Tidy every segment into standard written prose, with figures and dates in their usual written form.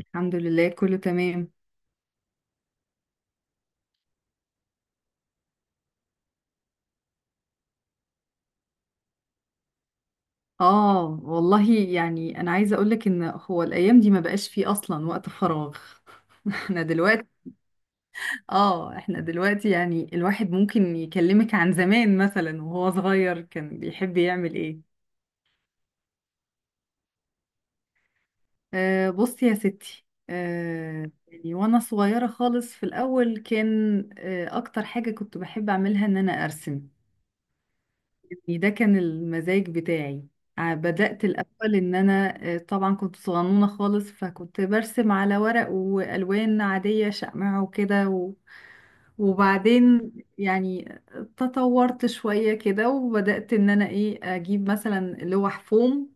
الحمد لله كله تمام. اه والله يعني انا عايزه اقولك ان هو الايام دي ما بقاش فيه اصلا وقت فراغ. احنا دلوقتي، اه احنا دلوقتي الواحد ممكن يكلمك عن زمان مثلا وهو صغير كان بيحب يعمل ايه. آه بصي يا ستي، وانا صغيره خالص في الاول كان، آه اكتر حاجه كنت بحب اعملها ان انا ارسم. يعني ده كان المزاج بتاعي. بدأت الأول إن أنا، طبعا كنت صغنونة خالص فكنت برسم على ورق وألوان عادية شقمع وكده وبعدين يعني تطورت شوية كده وبدأت إن أنا إيه أجيب مثلا لوح فوم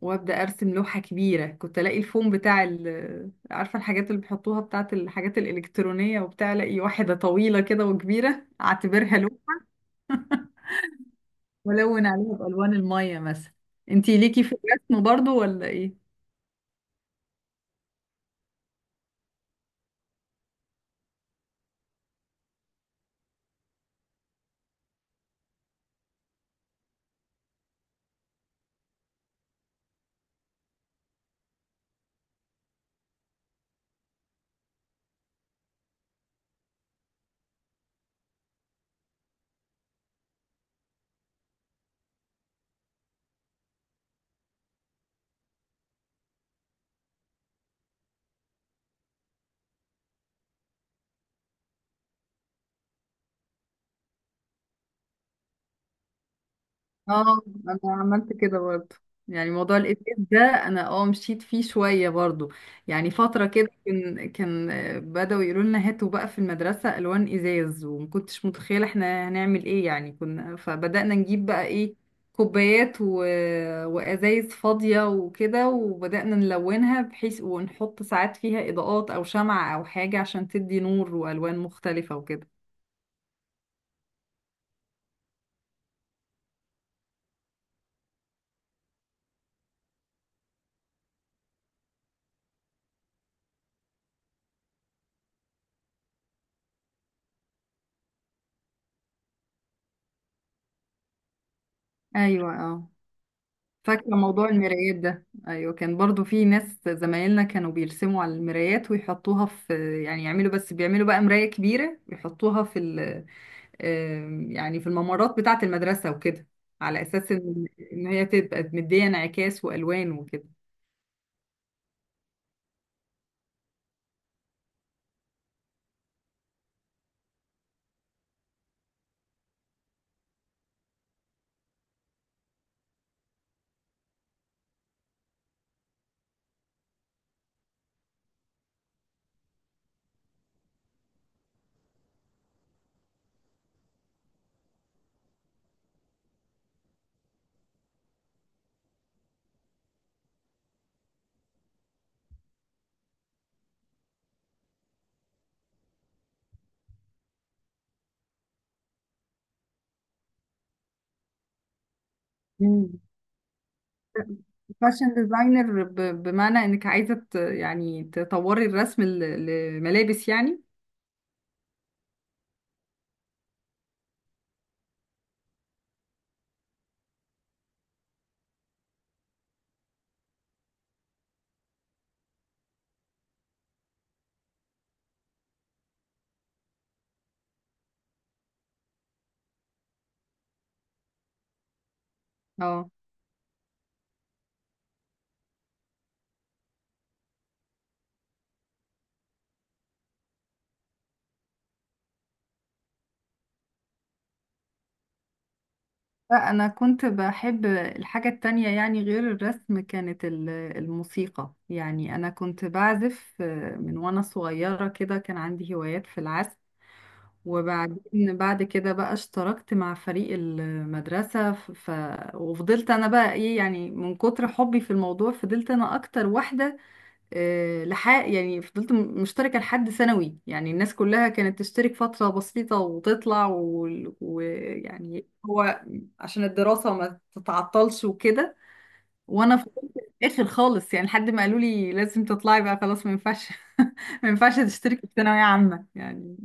وأبدأ أرسم لوحة كبيرة. كنت ألاقي الفوم بتاع عارفة الحاجات اللي بيحطوها بتاعت الحاجات الإلكترونية وبتاع، ألاقي واحدة طويلة كده وكبيرة أعتبرها لوحة، ولون عليها بألوان المية مثلا. انتي ليكي في الرسم برضو ولا ايه؟ اه، انا عملت كده برضه. يعني موضوع الاتيكيت ده انا اه مشيت فيه شويه برضه. يعني فتره كده كان بداوا يقولوا لنا هاتوا بقى في المدرسه الوان ازاز، وما كنتش متخيله احنا هنعمل ايه يعني، كنا فبدانا نجيب بقى ايه، كوبايات وازايز فاضيه وكده، وبدانا نلونها بحيث ونحط ساعات فيها اضاءات او شمعة او حاجه عشان تدي نور والوان مختلفه وكده. ايوه اه، فاكرة موضوع المرايات ده، أيوة كان برضو في ناس زمايلنا كانوا بيرسموا على المرايات ويحطوها في، يعني يعملوا، بس بيعملوا بقى مراية كبيرة يحطوها في ال آم، يعني في الممرات بتاعة المدرسة وكده، على أساس إن هي تبقى مدية انعكاس وألوان وكده. مم. فاشن ديزاينر بمعنى إنك عايزة تطوري الرسم لملابس يعني. اه لا، أنا كنت بحب الحاجة التانية يعني، غير الرسم كانت الموسيقى. يعني أنا كنت بعزف، من وأنا صغيرة كده كان عندي هوايات في العزف، وبعدين بعد كده بقى اشتركت مع فريق المدرسة وفضلت أنا بقى إيه، يعني من كتر حبي في الموضوع فضلت أنا أكتر واحدة، لحق، يعني فضلت مشتركة لحد ثانوي. يعني الناس كلها كانت تشترك فترة بسيطة وتطلع وال- ويعني و... يعني هو عشان الدراسة ما تتعطلش وكده، وانا فضلت اخر خالص، يعني لحد ما قالوا لي لازم تطلعي بقى خلاص ما ينفعش. ما ينفعش تشتركي في ثانوية عامة يعني.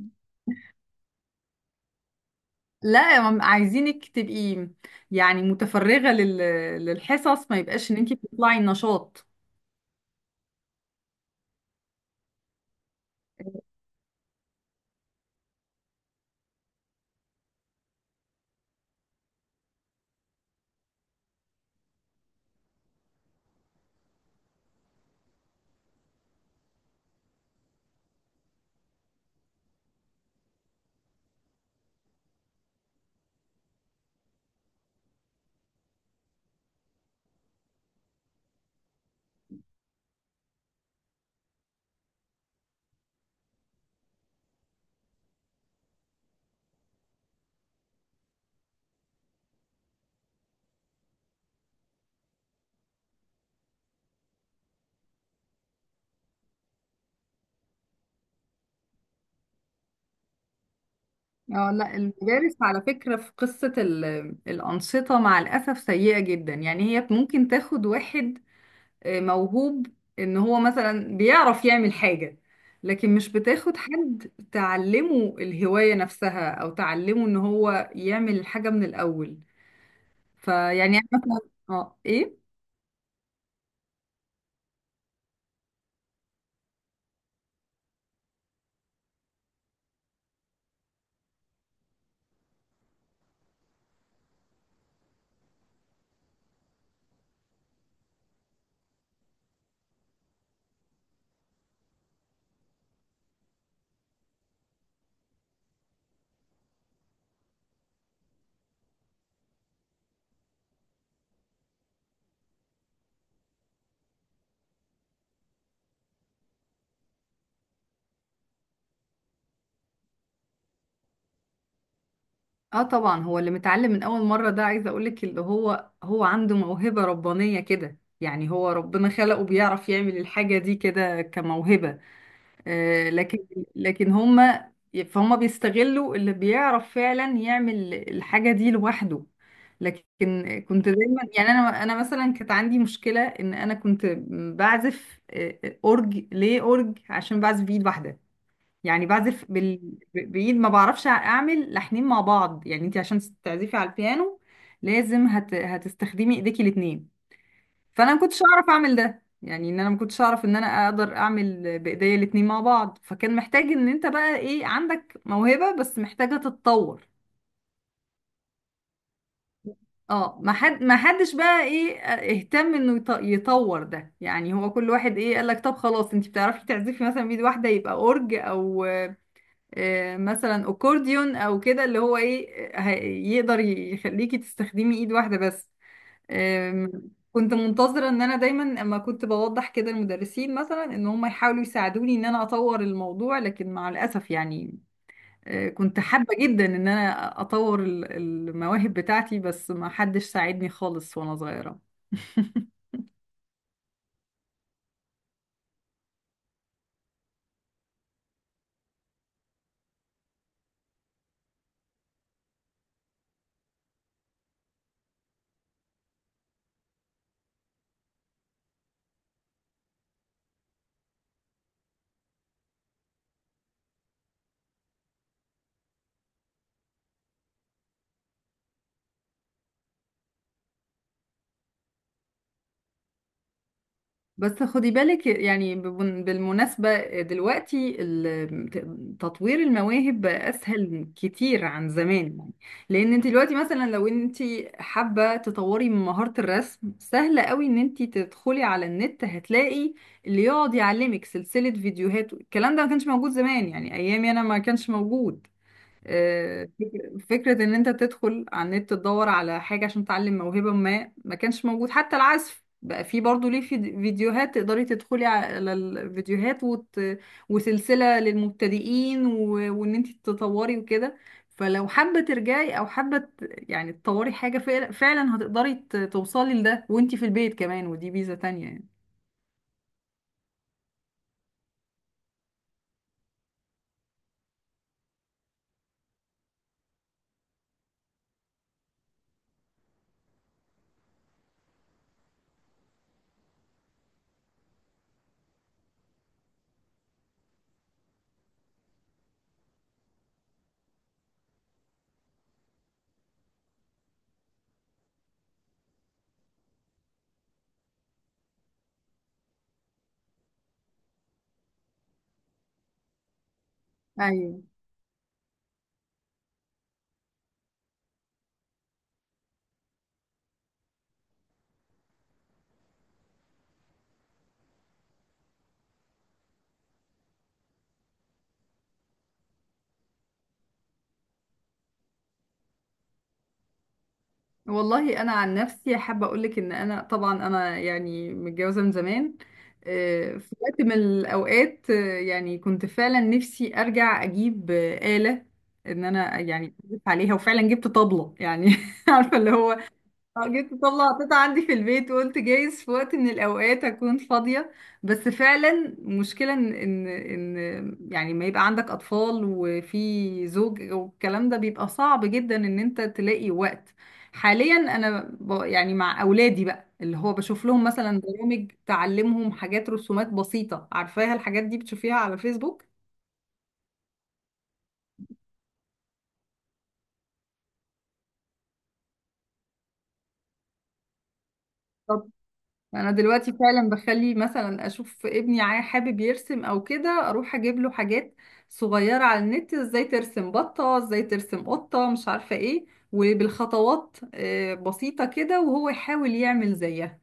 لا هم عايزينك تبقي يعني متفرغة للحصص، ما يبقاش ان انت بتطلعي النشاط. اه لا، المدارس على فكرة في قصة الأنشطة مع الأسف سيئة جدا. يعني هي ممكن تاخد واحد، موهوب، إن هو مثلا بيعرف يعمل حاجة، لكن مش بتاخد حد تعلمه الهواية نفسها أو تعلمه إن هو يعمل الحاجة من الأول. فيعني أنا مثلا، اه إيه؟ اه طبعا، هو اللي متعلم من أول مرة ده عايزة أقولك اللي هو هو عنده موهبة ربانية كده، يعني هو ربنا خلقه بيعرف يعمل الحاجة دي كده كموهبة، آه، لكن لكن فهم بيستغلوا اللي بيعرف فعلا يعمل الحاجة دي لوحده. لكن كنت دايما، يعني انا مثلا كانت عندي مشكلة ان انا كنت بعزف، اورج، ليه اورج؟ عشان بعزف بايد واحدة. يعني بعزف بايد، ما بعرفش اعمل لحنين مع بعض. يعني انت عشان تعزفي على البيانو لازم هتستخدمي ايديكي الاتنين، فانا ما كنتش اعرف اعمل ده. يعني ان انا ما كنتش اعرف ان انا اقدر اعمل بايديا الاتنين مع بعض، فكان محتاج ان انت بقى ايه، عندك موهبة بس محتاجة تتطور. اه، ما حدش بقى ايه اهتم انه يطور ده. يعني هو كل واحد ايه قال لك، طب خلاص انت بتعرفي تعزفي مثلا بايد واحده، يبقى اورج، او مثلا اكورديون او كده، اللي هو ايه، يقدر يخليكي تستخدمي ايد واحده بس. أم، كنت منتظرة ان انا دايما، اما كنت بوضح كده المدرسين مثلا ان هم يحاولوا يساعدوني ان انا اطور الموضوع، لكن مع الاسف يعني، كنت حابة جدا ان انا اطور المواهب بتاعتي، بس ما حدش ساعدني خالص وانا صغيرة. بس خدي بالك، يعني بالمناسبة دلوقتي تطوير المواهب بقى أسهل كتير عن زمان. يعني لأن انت دلوقتي مثلا لو انت حابة تطوري من مهارة الرسم، سهل قوي ان انت تدخلي على النت هتلاقي اللي يقعد يعلمك سلسلة فيديوهات. الكلام ده ما كانش موجود زمان، يعني أيامي أنا ما كانش موجود، فكرة إن أنت تدخل على النت تدور على حاجة عشان تعلم موهبة ما كانش موجود. حتى العزف بقى في برضه ليه، في فيديوهات تقدري تدخلي على الفيديوهات وسلسلة للمبتدئين وإن أنت تطوري وكده. فلو حابة ترجعي أو حابة تطوري حاجة، فعلا فعلا هتقدري توصلي لده وأنت في البيت كمان، ودي ميزة تانية يعني. ايوه، والله انا عن نفسي حابه اقول لك ان انا طبعا انا يعني متجوزه من زمان، في وقت من الاوقات، كنت فعلا نفسي ارجع اجيب، آلة ان انا يعني ألف عليها، وفعلا جبت طبلة يعني. عارفه اللي هو، اه جيت تطلع قطعة عندي في البيت، وقلت جايز في وقت من الأوقات أكون فاضية. بس فعلا مشكلة إن ما يبقى عندك أطفال وفي زوج والكلام ده، بيبقى صعب جدا إن أنت تلاقي وقت. حاليا أنا مع أولادي بقى اللي هو بشوف لهم مثلا برامج تعلمهم حاجات، رسومات بسيطة عارفاها الحاجات دي، بتشوفيها على فيسبوك. انا دلوقتي فعلا بخلي مثلا اشوف ابني حابب يرسم او كده، اروح اجيب له حاجات صغيره على النت، ازاي ترسم بطه، ازاي ترسم قطه، مش عارفه ايه، وبالخطوات، بسيطه كده وهو يحاول يعمل زيها،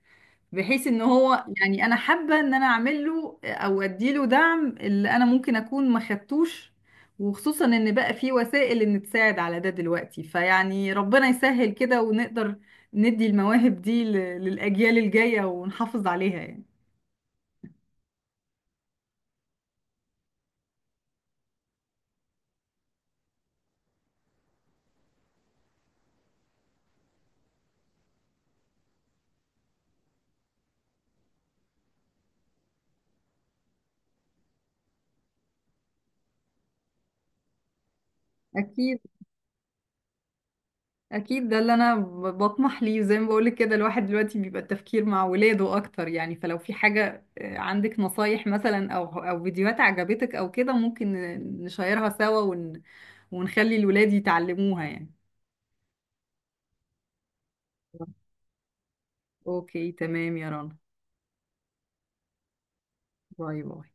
بحيث ان هو، يعني انا حابه ان انا اعمل له او اديله دعم اللي انا ممكن اكون ما خدتوش، وخصوصا ان بقى في وسائل ان تساعد على ده دلوقتي. فيعني ربنا يسهل كده ونقدر ندي المواهب دي للاجيال الجايه ونحافظ عليها يعني. اكيد، اكيد ده اللي انا بطمح ليه. زي ما بقولك كده الواحد دلوقتي بيبقى التفكير مع ولاده اكتر. يعني فلو في حاجة، عندك نصايح مثلا او فيديوهات عجبتك او كده، ممكن نشيرها سوا ونخلي الولاد يتعلموها يعني. اوكي تمام يا رنا، باي باي.